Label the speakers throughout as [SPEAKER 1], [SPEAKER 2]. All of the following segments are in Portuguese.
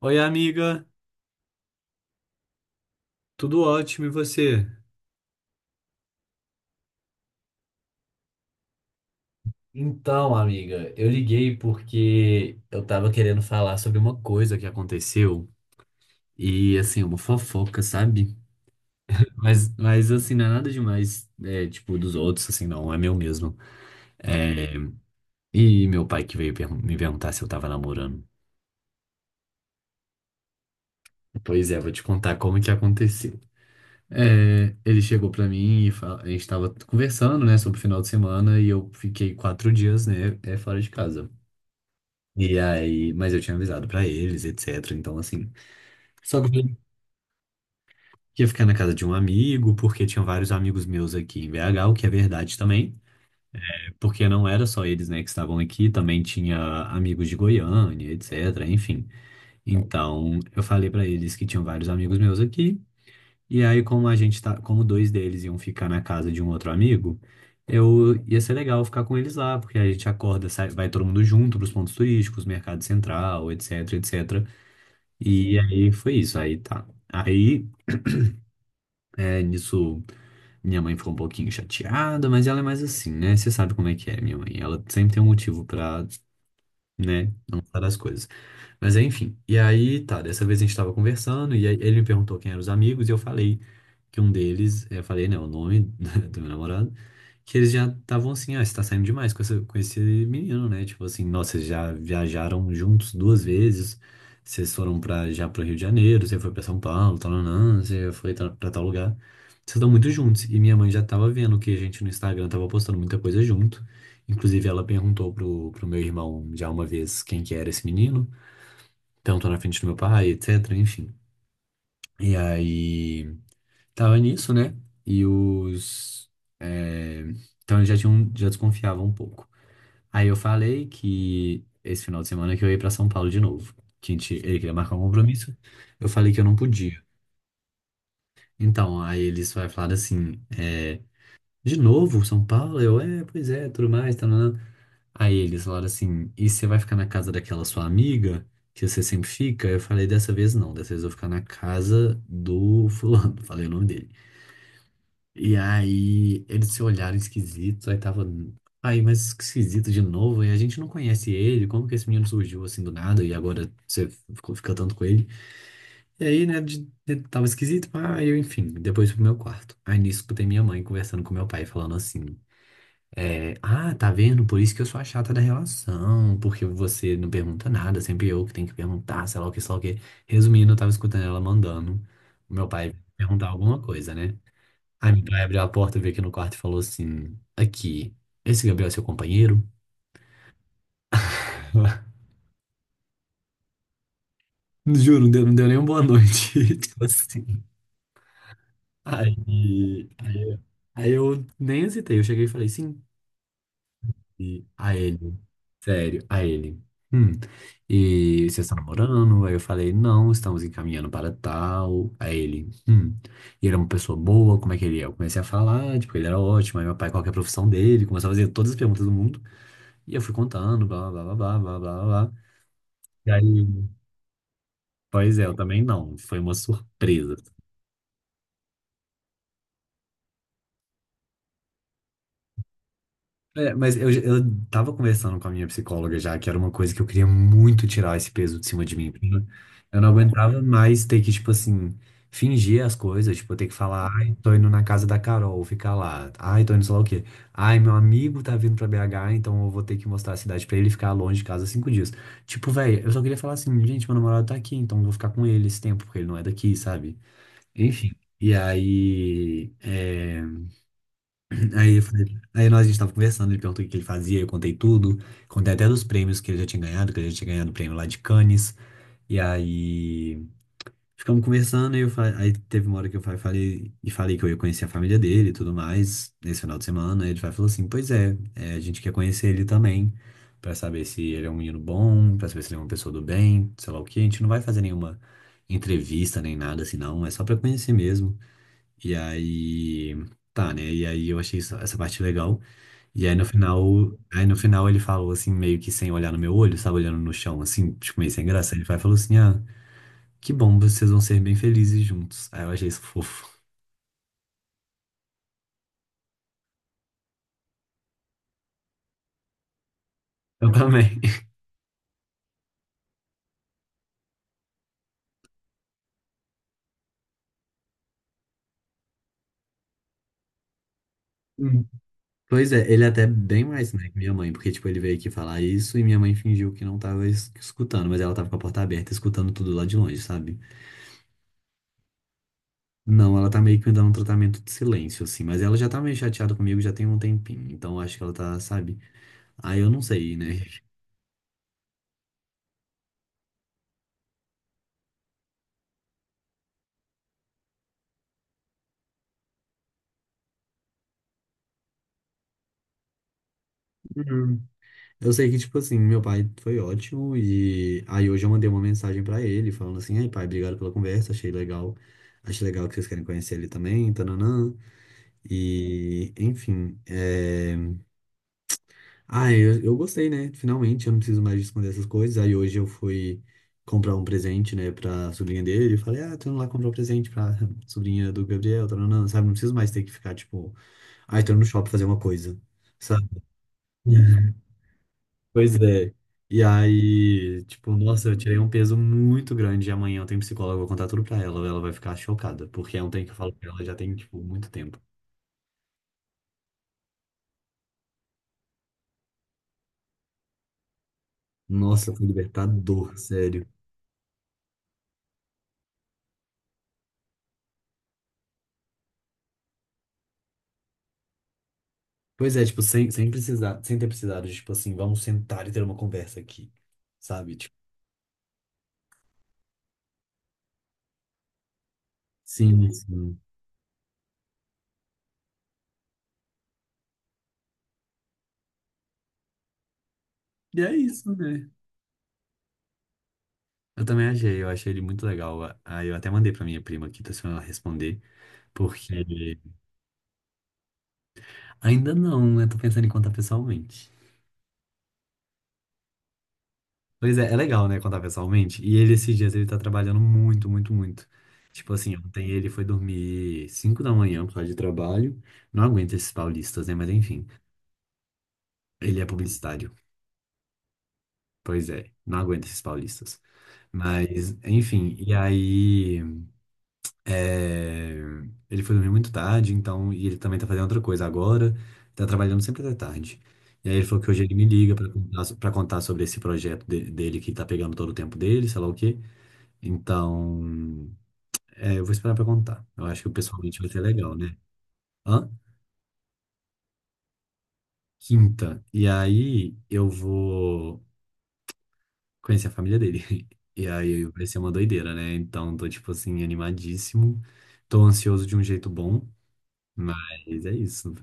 [SPEAKER 1] Oi, amiga, tudo ótimo e você? Então, amiga, eu liguei porque eu tava querendo falar sobre uma coisa que aconteceu e, assim, uma fofoca, sabe? Mas assim, não é nada demais, é, tipo, dos outros, assim, não, é meu mesmo. É, e meu pai que veio me perguntar se eu tava namorando. Pois é, vou te contar como que aconteceu. É, ele chegou pra mim e a gente tava conversando, né, sobre o final de semana e eu fiquei 4 dias, né, é, fora de casa. E aí, mas eu tinha avisado pra eles, etc. Então, assim, só que eu ia ficar na casa de um amigo, porque tinha vários amigos meus aqui em BH, o que é verdade também, porque não era só eles, né, que estavam aqui, também tinha amigos de Goiânia, etc. Enfim, então eu falei pra eles que tinham vários amigos meus aqui, e aí como a gente tá, como dois deles iam ficar na casa de um outro amigo, eu ia ser legal ficar com eles lá, porque a gente acorda, sai, vai todo mundo junto pros pontos turísticos, mercado central, etc, etc. E aí foi isso, aí tá. Aí, é, nisso, minha mãe ficou um pouquinho chateada, mas ela é mais assim, né? Você sabe como é que é, minha mãe. Ela sempre tem um motivo pra, né, não falar as coisas. Mas enfim, e aí tá, dessa vez a gente tava conversando e aí ele me perguntou quem eram os amigos e eu falei que um deles, é, eu falei, né, o nome do meu namorado, que eles já estavam assim, ah, você tá saindo demais com, essa, com esse menino, né? Tipo assim, nossa, vocês já viajaram juntos duas vezes, vocês foram já pro Rio de Janeiro, você foi pra São Paulo, tal, nanã, você foi pra tal lugar. Vocês estão muito juntos. E minha mãe já tava vendo que a gente no Instagram tava postando muita coisa junto. Inclusive, ela perguntou pro meu irmão já uma vez quem que era esse menino. Então, tô na frente do meu pai, etc, enfim. E aí, tava nisso, né? E os... é, então, eles já tinham, já desconfiavam um pouco. Aí eu falei que esse final de semana que eu ia pra São Paulo de novo. Que a gente, ele queria marcar um compromisso. Eu falei que eu não podia. Então, aí eles vai falar assim, de novo, São Paulo? Eu, é, pois é, tudo mais, tá, né? Aí eles falaram assim, e você vai ficar na casa daquela sua amiga, que você sempre fica? Eu falei, dessa vez não, dessa vez eu vou ficar na casa do fulano, falei o nome dele. E aí eles se olharam esquisitos, aí tava, aí, mas esquisito de novo, e a gente não conhece ele, como que esse menino surgiu assim do nada, e agora você fica tanto com ele? E aí, né, tava esquisito, aí eu, enfim, depois fui pro meu quarto. Aí nisso escutei minha mãe conversando com meu pai, falando assim. É, ah, tá vendo? Por isso que eu sou a chata da relação, porque você não pergunta nada, sempre eu que tenho que perguntar, sei lá o que, sei lá o que. Resumindo, eu tava escutando ela mandando o meu pai perguntar alguma coisa, né? Aí meu pai abriu a porta, veio aqui no quarto e falou assim: Aqui, esse Gabriel é seu companheiro? Juro, não deu nem uma boa noite. Tipo assim. Aí, aí, aí, eu nem hesitei, eu cheguei e falei: Sim. E a ele, sério, a ele. Hum. E você está namorando? Aí eu falei, não, estamos encaminhando para tal. A ele. E ele é uma pessoa boa, como é que ele é? Eu comecei a falar, tipo, ele era ótimo. Aí meu pai, qual que é a profissão dele? Começou a fazer todas as perguntas do mundo. E eu fui contando, blá, blá, blá, blá, blá, blá, blá. Blá. E aí, pois é, eu também não. Foi uma surpresa. É, mas eu tava conversando com a minha psicóloga já, que era uma coisa que eu queria muito tirar esse peso de cima de mim. Eu não aguentava mais ter que, tipo assim, fingir as coisas, tipo, ter que falar, ai, tô indo na casa da Carol, ficar lá, ai, tô indo sei lá o quê. Ai, meu amigo tá vindo pra BH, então eu vou ter que mostrar a cidade pra ele e ficar longe de casa 5 dias. Tipo, velho, eu só queria falar assim, gente, meu namorado tá aqui, então eu vou ficar com ele esse tempo, porque ele não é daqui, sabe? Enfim. E aí, é. Aí, aí nós, a gente tava conversando, ele perguntou o que que ele fazia, eu contei tudo, contei até dos prêmios que ele já tinha ganhado, que ele já tinha ganhado o prêmio lá de Cannes, e aí ficamos conversando, e eu falei, aí teve uma hora que eu falei, e falei que eu ia conhecer a família dele e tudo mais, nesse final de semana, aí ele falou assim, pois é, é, a gente quer conhecer ele também, pra saber se ele é um menino bom, pra saber se ele é uma pessoa do bem, sei lá o que, a gente não vai fazer nenhuma entrevista nem nada assim não, é só pra conhecer mesmo, e aí... Tá, né? E aí eu achei essa parte legal. E aí no final ele falou assim, meio que sem olhar no meu olho, sabe, olhando no chão, assim, tipo, meio sem graça. Ele vai e falou assim, ah, que bom, vocês vão ser bem felizes juntos. Aí eu achei isso fofo. Eu também. Hum. Pois é, ele é até bem mais, né, que minha mãe, porque, tipo, ele veio aqui falar isso e minha mãe fingiu que não tava escutando, mas ela tava com a porta aberta, escutando tudo lá de longe, sabe? Não, ela tá meio que me dando um tratamento de silêncio, assim, mas ela já tá meio chateada comigo já tem um tempinho, então eu acho que ela tá, sabe? Aí eu não sei, né? Uhum. Eu sei que, tipo assim, meu pai foi ótimo e aí hoje eu mandei uma mensagem pra ele falando assim, ai pai, obrigado pela conversa, achei legal que vocês querem conhecer ele também, tananã. E, enfim, é... ah, eu gostei, né? Finalmente, eu não preciso mais esconder essas coisas. Aí hoje eu fui comprar um presente, né, pra sobrinha dele e falei, ah, tô indo lá comprar um presente pra sobrinha do Gabriel, tananã, sabe? Não preciso mais ter que ficar, tipo, ai, tô indo no shopping fazer uma coisa, sabe? Pois é. E aí, tipo, nossa, eu tirei um peso muito grande e amanhã eu tenho psicóloga, eu vou contar tudo pra ela. Ela vai ficar chocada, porque é um trem que eu falo pra ela já tem, tipo, muito tempo. Nossa, foi libertador, sério. Pois é, tipo, sem precisar, sem ter precisado, de, tipo assim, vamos sentar e ter uma conversa aqui, sabe? Tipo, sim, sim. E é isso, né? Eu também achei, eu achei ele muito legal. Aí eu até mandei pra minha prima aqui, tá se ela responder, porque ainda não, né? Tô pensando em contar pessoalmente. Pois é, é legal, né, contar pessoalmente. E ele, esses dias, ele tá trabalhando muito, muito, muito. Tipo assim, ontem ele foi dormir 5 da manhã por causa de trabalho. Não aguenta esses paulistas, né? Mas enfim, ele é publicitário. Pois é, não aguenta esses paulistas. Mas, enfim, e aí. É, ele foi dormir muito tarde, então. E ele também tá fazendo outra coisa agora. Tá trabalhando sempre até tarde. E aí ele falou que hoje ele me liga pra contar, pra contar sobre esse projeto dele que tá pegando todo o tempo dele, sei lá o quê. Então, é, eu vou esperar pra contar. Eu acho que pessoalmente vai ser legal, né? Hã? Quinta. E aí eu vou conhecer a família dele. E aí vai ser uma doideira, né? Então tô, tipo assim, animadíssimo. Tô ansioso de um jeito bom, mas é isso.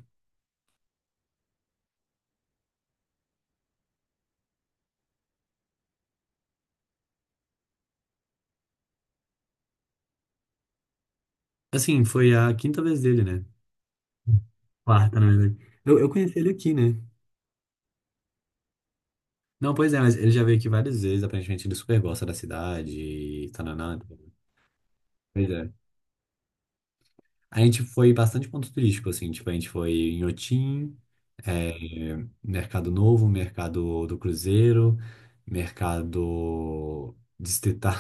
[SPEAKER 1] Assim, foi a quinta vez dele, né? Quarta, na verdade. Eu conheci ele aqui, né? Não, pois é, mas ele já veio aqui várias vezes. Aparentemente ele super gosta da cidade, e tananã. Pois é. A gente foi em bastante ponto turístico, assim, tipo, a gente foi em Otim, Mercado Novo, Mercado do Cruzeiro, Mercado Distrital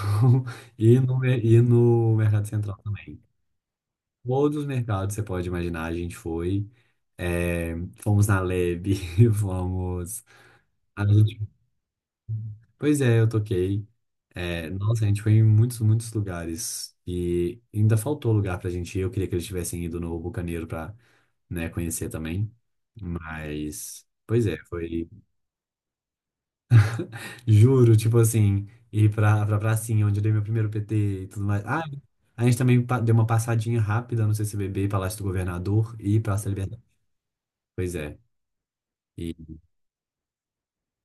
[SPEAKER 1] e no Mercado Central também. Todos os mercados que você pode imaginar, a gente foi. É, fomos na Lebe, fomos. Pois é, eu toquei. É, nossa, a gente foi em muitos, muitos lugares. E ainda faltou lugar pra gente ir. Eu queria que eles tivessem ido no Bucaneiro pra, né, conhecer também. Mas, pois é, foi. Juro, tipo assim, ir pra pracinha, onde eu dei meu primeiro PT e tudo mais. Ah, a gente também deu uma passadinha rápida no CCBB, Palácio do Governador e Praça da Liberdade. Pois é. E,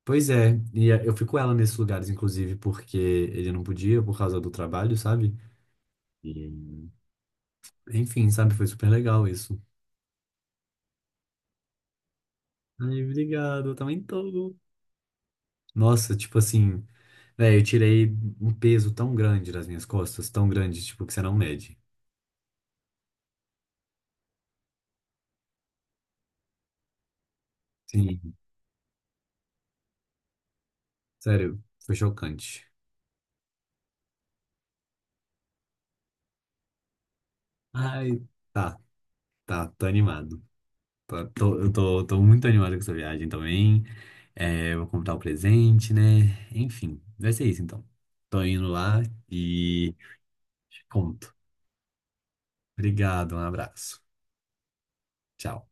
[SPEAKER 1] pois é, e eu fico ela nesses lugares, inclusive, porque ele não podia por causa do trabalho, sabe? Enfim, sabe? Foi super legal isso. Ai, obrigado, eu também tô. Nossa, tipo assim, velho, eu tirei um peso tão grande das minhas costas, tão grande, tipo, que você não mede. Sim, sério, foi chocante. Ai, tá, tá, tô animado. Eu tô muito animado com essa viagem também. É, eu vou comprar o presente, né? Enfim, vai ser isso então. Tô indo lá e te conto. Obrigado, um abraço. Tchau.